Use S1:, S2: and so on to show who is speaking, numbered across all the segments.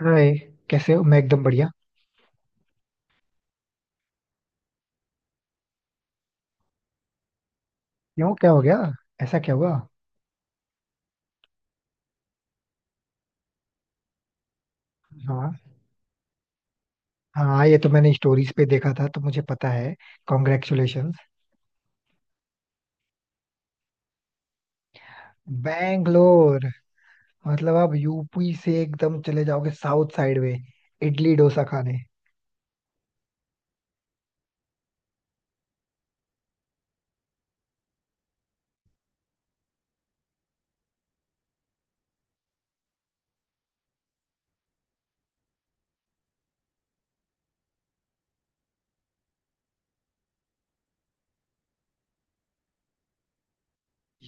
S1: अरे, कैसे हो? मैं एकदम बढ़िया. क्यों, क्या हो गया? ऐसा क्या हुआ? हाँ. हाँ, ये तो मैंने स्टोरीज पे देखा था, तो मुझे पता है. कॉन्ग्रेचुलेशंस. बैंगलोर? मतलब आप यूपी से एकदम चले जाओगे साउथ साइड में? इडली डोसा खाने?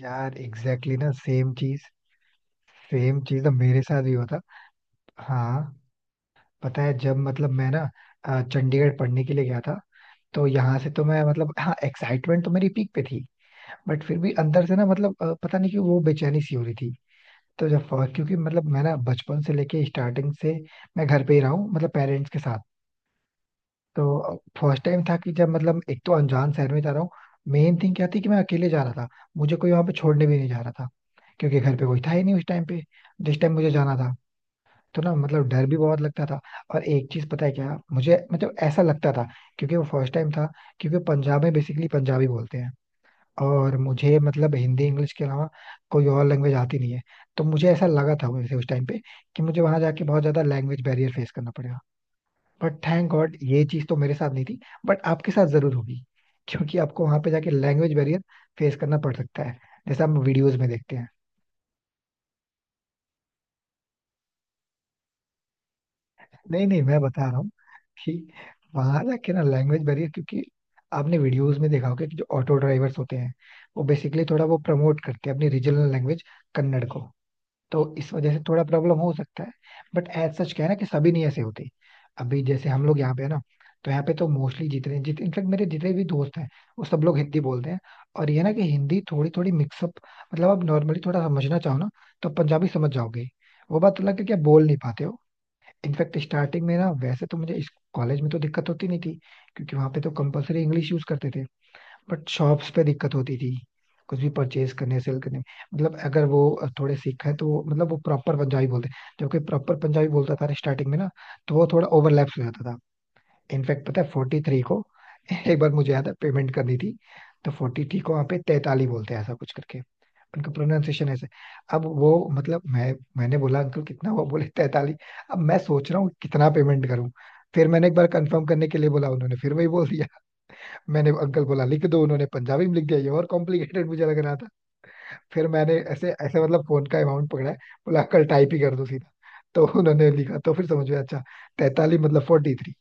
S1: यार एग्जैक्टली exactly ना, सेम चीज. सेम चीज ना मेरे साथ भी होता. हाँ. पता है, जब मतलब मैं ना चंडीगढ़ पढ़ने के लिए गया था. तो यहाँ से तो मैं मतलब, हाँ, एक्साइटमेंट तो मेरी पीक पे थी. बट फिर भी अंदर से ना मतलब पता नहीं कि वो बेचैनी सी हो रही थी. तो जब फर्स्ट, क्योंकि मतलब मैं ना बचपन से लेके स्टार्टिंग से मैं घर पे ही रहा हूँ मतलब पेरेंट्स के साथ. तो फर्स्ट टाइम था कि जब मतलब एक तो अनजान शहर में जा रहा हूँ, मेन थिंग क्या थी कि मैं अकेले जा रहा था. मुझे कोई वहां पे छोड़ने भी नहीं जा रहा था, क्योंकि घर पे कोई था ही नहीं उस टाइम पे, जिस टाइम मुझे जाना था. तो ना मतलब डर भी बहुत लगता था. और एक चीज, पता है क्या, मुझे मतलब ऐसा लगता था, क्योंकि वो फर्स्ट टाइम था, क्योंकि पंजाब में बेसिकली पंजाबी बोलते हैं, और मुझे मतलब हिंदी इंग्लिश के अलावा कोई और लैंग्वेज आती नहीं है. तो मुझे ऐसा लगा था, वैसे उस टाइम पे, कि मुझे वहां जाके बहुत ज्यादा लैंग्वेज बैरियर फेस करना पड़ेगा. बट थैंक गॉड ये चीज तो मेरे साथ नहीं थी. बट आपके साथ जरूर होगी, क्योंकि आपको वहां पे जाके लैंग्वेज बैरियर फेस करना पड़ सकता है, जैसा हम वीडियोज में देखते हैं. नहीं नहीं, मैं बता रहा हूँ कि वहां जाके ना लैंग्वेज बैरियर, क्योंकि आपने वीडियोस में देखा होगा कि जो ऑटो ड्राइवर्स होते हैं वो बेसिकली थोड़ा वो प्रमोट करते हैं अपनी रीजनल लैंग्वेज, कन्नड़ को. तो इस वजह से थोड़ा प्रॉब्लम हो सकता है. बट एज सच क्या है ना कि सभी नहीं ऐसे होते. अभी जैसे हम लोग यहाँ पे है ना, तो यहाँ पे तो मोस्टली जितने जितने, इनफेक्ट मेरे जितने भी दोस्त हैं, वो सब लोग हिंदी बोलते हैं. और ये ना कि हिंदी थोड़ी थोड़ी मिक्सअप, मतलब आप नॉर्मली थोड़ा समझना चाहो ना, तो पंजाबी समझ जाओगे. वो बात अलग है कि आप बोल नहीं पाते हो. इनफैक्ट स्टार्टिंग में ना, वैसे तो मुझे इस कॉलेज में तो दिक्कत होती नहीं थी, क्योंकि वहां पे तो कंपलसरी इंग्लिश यूज करते थे. बट शॉप्स पे दिक्कत होती थी, कुछ भी परचेज करने सेल करने में. मतलब अगर वो थोड़े सिख है तो वो मतलब वो प्रॉपर पंजाबी बोलते. जबकि प्रॉपर पंजाबी बोलता था स्टार्टिंग में ना, तो वो थोड़ा ओवरलैप्स हो जाता था. इनफैक्ट पता है, 43 को एक बार मुझे याद है पेमेंट करनी थी, तो 43 को वहाँ पे 43 बोलते हैं, ऐसा कुछ करके. उनका प्रोनाउंसिएशन ऐसे. अब वो मतलब मैंने बोला अंकल कितना हुआ, बोले 43. अब मैं सोच रहा हूँ कितना पेमेंट करूँ. फिर मैंने एक बार कंफर्म करने के लिए बोला, उन्होंने फिर वही बोल दिया. मैंने अंकल बोला लिख दो, उन्होंने पंजाबी में लिख दिया, ये और कॉम्प्लिकेटेड मुझे लग रहा था. फिर मैंने ऐसे ऐसे मतलब फोन का अमाउंट पकड़ा है, बोला अंकल टाइप ही कर दो सीधा. तो उन्होंने लिखा, तो फिर समझ में आया. अच्छा, 43 मतलब 43.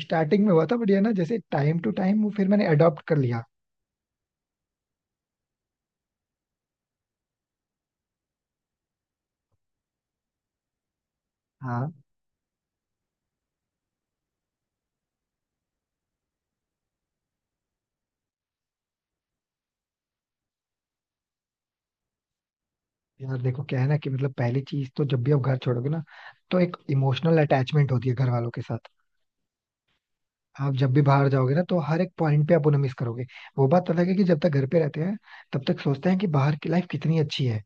S1: स्टार्टिंग में हुआ था, बढ़िया ना, जैसे टाइम टू टाइम वो फिर मैंने अडॉप्ट कर लिया. हाँ, यार देखो क्या है ना, कि मतलब पहली चीज तो जब भी आप घर छोड़ोगे ना, तो एक इमोशनल अटैचमेंट होती है घर वालों के साथ. आप जब भी बाहर जाओगे ना, तो हर एक पॉइंट पे आप उन्हें मिस करोगे. वो बात अलग है कि जब तक घर पे रहते हैं, तब तक सोचते हैं कि बाहर की लाइफ कितनी अच्छी है.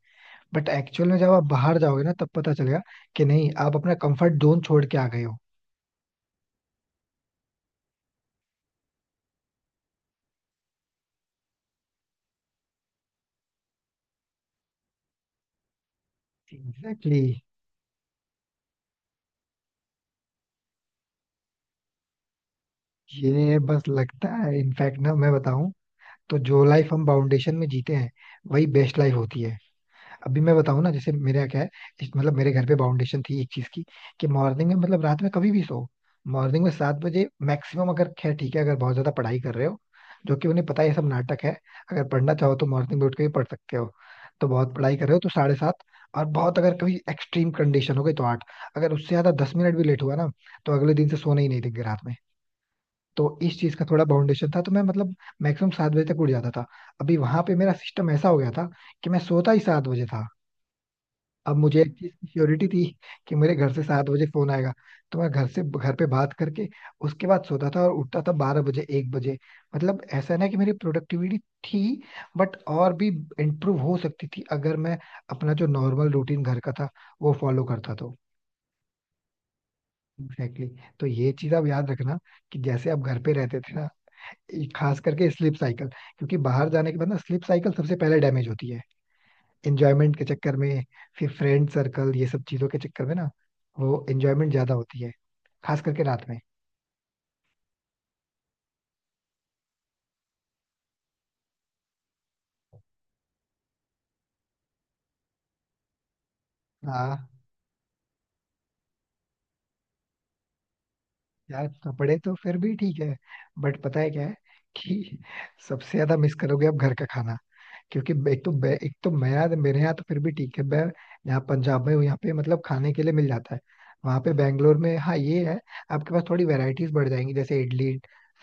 S1: बट एक्चुअल में जब आप बाहर जाओगे ना, तब पता चलेगा कि नहीं, आप अपना कंफर्ट जोन छोड़ के आ गए हो. Exactly exactly. ये बस लगता है. इनफैक्ट ना, मैं बताऊं, तो जो लाइफ हम फाउंडेशन में जीते हैं, वही बेस्ट लाइफ होती है. अभी मैं बताऊं ना, जैसे मेरे यहाँ क्या है. मतलब मेरे घर पे बाउंडेशन थी एक चीज की, कि मॉर्निंग में मतलब रात में कभी भी सो, मॉर्निंग में 7 बजे मैक्सिमम. अगर खैर ठीक है, अगर बहुत ज्यादा पढ़ाई कर रहे हो, जो कि उन्हें पता है ये सब नाटक है. अगर पढ़ना चाहो तो मॉर्निंग में उठ के भी पढ़ सकते हो. तो बहुत पढ़ाई कर रहे हो तो 7:30, और बहुत अगर कभी एक्सट्रीम कंडीशन हो गई तो आठ. अगर उससे ज्यादा 10 मिनट भी लेट हुआ ना, तो अगले दिन से सोने ही नहीं देंगे रात में. तो इस चीज का थोड़ा बाउंडेशन था, तो मैं मतलब मैक्सिमम 7 बजे तक उठ जाता था. अभी वहां पे मेरा सिस्टम ऐसा हो गया था कि मैं सोता ही 7 बजे था. अब मुझे एक चीज की श्योरिटी थी कि मेरे घर से 7 बजे फोन आएगा, तो मैं घर से घर पे बात करके उसके बाद सोता था और उठता था 12 बजे एक बजे. मतलब ऐसा ना कि मेरी प्रोडक्टिविटी थी, बट और भी इम्प्रूव हो सकती थी अगर मैं अपना जो नॉर्मल रूटीन घर का था वो फॉलो करता तो. Exactly exactly. तो ये चीज आप याद रखना, कि जैसे आप घर पे रहते थे ना, ये खास करके स्लीप साइकिल, क्योंकि बाहर जाने के बाद ना स्लीप साइकिल सबसे पहले डैमेज होती है, एंजॉयमेंट के चक्कर में. फिर फ्रेंड सर्कल ये सब चीजों के चक्कर में ना वो एंजॉयमेंट ज्यादा होती है, खास करके रात में. हाँ, यार कपड़े तो फिर भी ठीक है, बट पता है क्या है, कि सबसे ज्यादा मिस करोगे आप घर का खाना. क्योंकि एक तो एक तो मेरे यहाँ तो फिर भी ठीक है, मैं यहाँ पंजाब में हूँ, यहाँ पे मतलब खाने के लिए मिल जाता है. वहाँ पे बैंगलोर में, हाँ ये है, आपके पास थोड़ी वेराइटीज बढ़ जाएंगी, जैसे इडली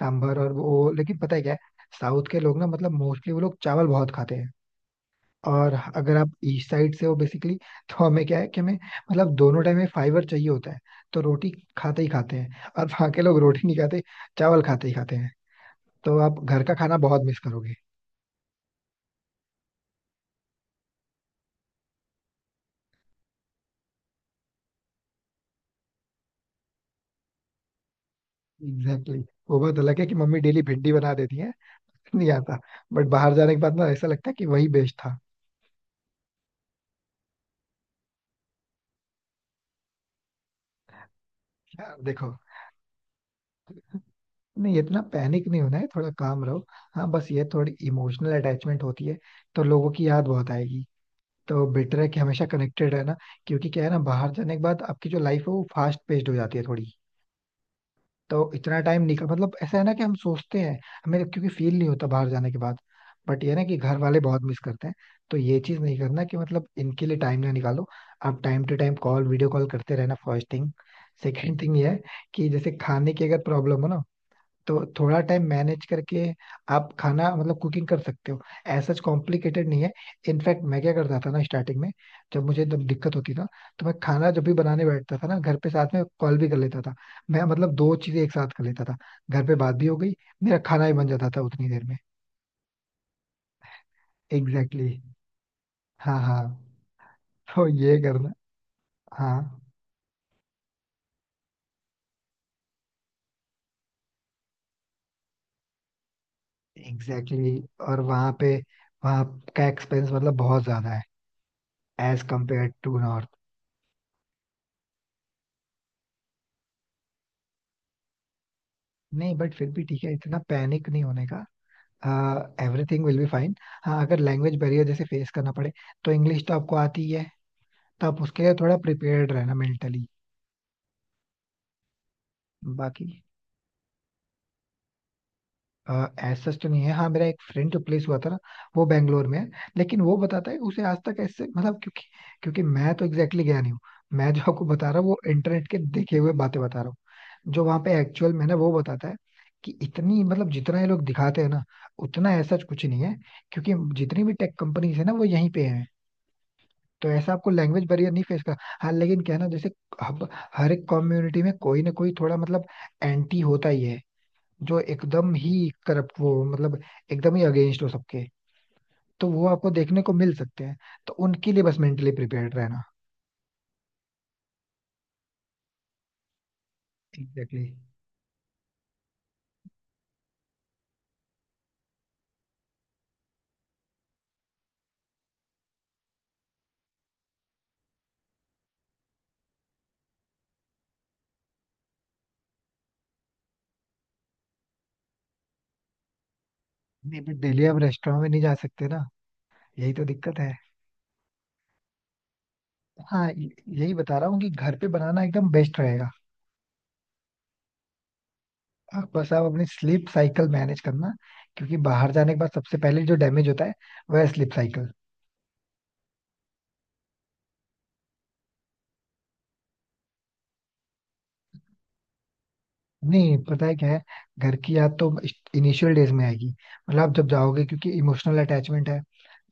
S1: सांभर और वो, लेकिन पता है क्या है, साउथ के लोग ना मतलब मोस्टली वो लोग चावल बहुत खाते हैं. और अगर आप ईस्ट साइड से हो बेसिकली, तो हमें क्या है कि हमें मतलब दोनों टाइम में फाइबर चाहिए होता है, तो रोटी खाते ही खाते हैं. और वहाँ के लोग रोटी नहीं खाते, चावल खाते ही खाते हैं. तो आप घर का खाना बहुत मिस करोगे. Exactly exactly. वो बात अलग है कि मम्मी डेली भिंडी बना देती है नहीं आता. बट बाहर जाने के बाद ना ऐसा लगता है कि वही बेस्ट था. यार देखो, नहीं, इतना पैनिक नहीं होना है, थोड़ा काम रहो. हाँ, बस ये थोड़ी इमोशनल अटैचमेंट होती है, तो लोगों की याद बहुत आएगी. तो बेटर है कि हमेशा कनेक्टेड रहना, क्योंकि क्या है ना, बाहर जाने के बाद आपकी जो लाइफ है वो फास्ट पेस्ड हो जाती है थोड़ी. तो इतना टाइम निकल, मतलब ऐसा है ना कि हम सोचते हैं, हमें क्योंकि फील नहीं होता बाहर जाने के बाद, बट ये है ना कि घर वाले बहुत मिस करते हैं. तो ये चीज नहीं करना कि मतलब इनके लिए टाइम ना निकालो. आप time to time call, video call करते रहना, फर्स्ट थिंग. सेकेंड थिंग ये है कि जैसे खाने की अगर प्रॉब्लम हो ना, तो थोड़ा टाइम मैनेज करके आप खाना मतलब कुकिंग कर सकते हो. ऐसा कॉम्प्लिकेटेड नहीं है. इनफैक्ट मैं क्या करता था ना स्टार्टिंग में, जब मुझे एकदम दिक्कत होती था, तो मैं खाना जब भी बनाने बैठता था ना, घर पे साथ में कॉल भी कर लेता था. मैं मतलब दो चीजें एक साथ कर लेता था, घर पे बात भी हो गई, मेरा खाना भी बन जाता था उतनी देर में. Exactly exactly. हाँ हाँ, तो ये करना. हाँ. Exactly exactly. और वहाँ पे, वहाँ का एक्सपेंस मतलब बहुत ज्यादा है, एज कम्पेयर टू नॉर्थ. नहीं, बट फिर भी ठीक है, इतना पैनिक नहीं होने का. Everything will be fine. हाँ, अगर लैंग्वेज बैरियर जैसे फेस करना पड़े, तो इंग्लिश तो आपको आती ही है, तो आप उसके लिए थोड़ा प्रिपेयर्ड रहना मेंटली. बाकी एज सच तो नहीं है. हाँ, मेरा एक फ्रेंड जो प्लेस हुआ था ना, वो बैंगलोर में है. लेकिन वो बताता है कि उसे आज तक ऐसे मतलब, क्योंकि क्योंकि मैं तो एग्जैक्टली exactly गया नहीं हूँ. मैं जो आपको बता रहा हूँ वो इंटरनेट के देखे हुए बातें बता रहा हूँ. जो वहाँ पे एक्चुअल में ना वो बताता है कि इतनी मतलब जितना ये लोग दिखाते हैं ना, उतना ऐसा कुछ नहीं है, क्योंकि जितनी भी टेक कंपनीज है ना वो यहीं पे है. तो ऐसा आपको लैंग्वेज बैरियर नहीं फेस कर. हाँ, लेकिन क्या है ना, जैसे अब हर एक कम्युनिटी में कोई ना कोई थोड़ा मतलब एंटी होता ही है, जो एकदम ही करप्ट वो मतलब एकदम ही अगेंस्ट हो सबके. तो वो आपको देखने को मिल सकते हैं, तो उनके लिए बस मेंटली प्रिपेयर्ड रहना. Exactly exactly. नहीं, बट डेली आप रेस्टोरेंट में नहीं जा सकते ना, यही तो दिक्कत है. हाँ, यही बता रहा हूँ कि घर पे बनाना एकदम बेस्ट रहेगा. आप बस आप अपनी स्लीप साइकिल मैनेज करना, क्योंकि बाहर जाने के बाद सबसे पहले जो डैमेज होता है, वह स्लीप साइकिल. नहीं, पता है क्या है, घर की याद तो इनिशियल डेज में आएगी. मतलब आप जब जाओगे, क्योंकि इमोशनल अटैचमेंट है,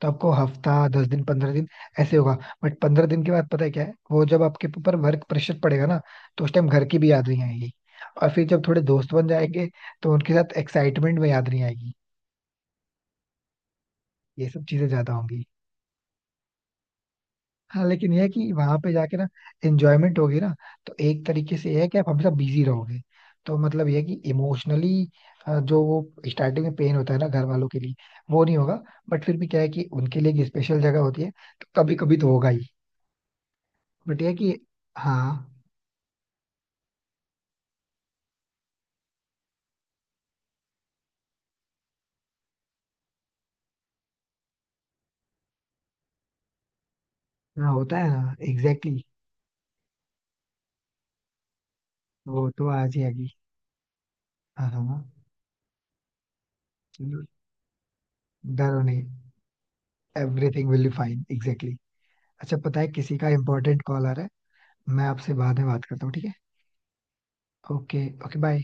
S1: तो आपको हफ्ता, 10 दिन, 15 दिन ऐसे होगा. बट 15 दिन के बाद पता है क्या है, वो जब आपके ऊपर वर्क प्रेशर पड़ेगा ना, तो उस टाइम घर की भी याद नहीं आएगी. और फिर जब थोड़े दोस्त बन जाएंगे, तो उनके साथ एक्साइटमेंट में याद नहीं आएगी. ये सब चीजें ज्यादा होंगी. हाँ लेकिन यह है कि वहां पे जाके ना एंजॉयमेंट होगी ना, तो एक तरीके से यह है कि आप हमेशा बिजी रहोगे, तो मतलब यह है कि इमोशनली जो वो स्टार्टिंग में पेन होता है ना घर वालों के लिए, वो नहीं होगा. बट फिर भी क्या है कि उनके लिए एक स्पेशल जगह होती है, तो कभी कभी तो होगा ही. बट यह है कि, हाँ, हाँ, होता है ना, एग्जैक्टली exactly. वो तो आ जाएगी. हाँ हाँ. चलो, डरो नहीं. Everything will be fine, exactly. अच्छा, पता है किसी का इंपॉर्टेंट कॉल आ रहा है, मैं आपसे बाद में बात करता हूँ, ठीक है? Okay, okay, bye.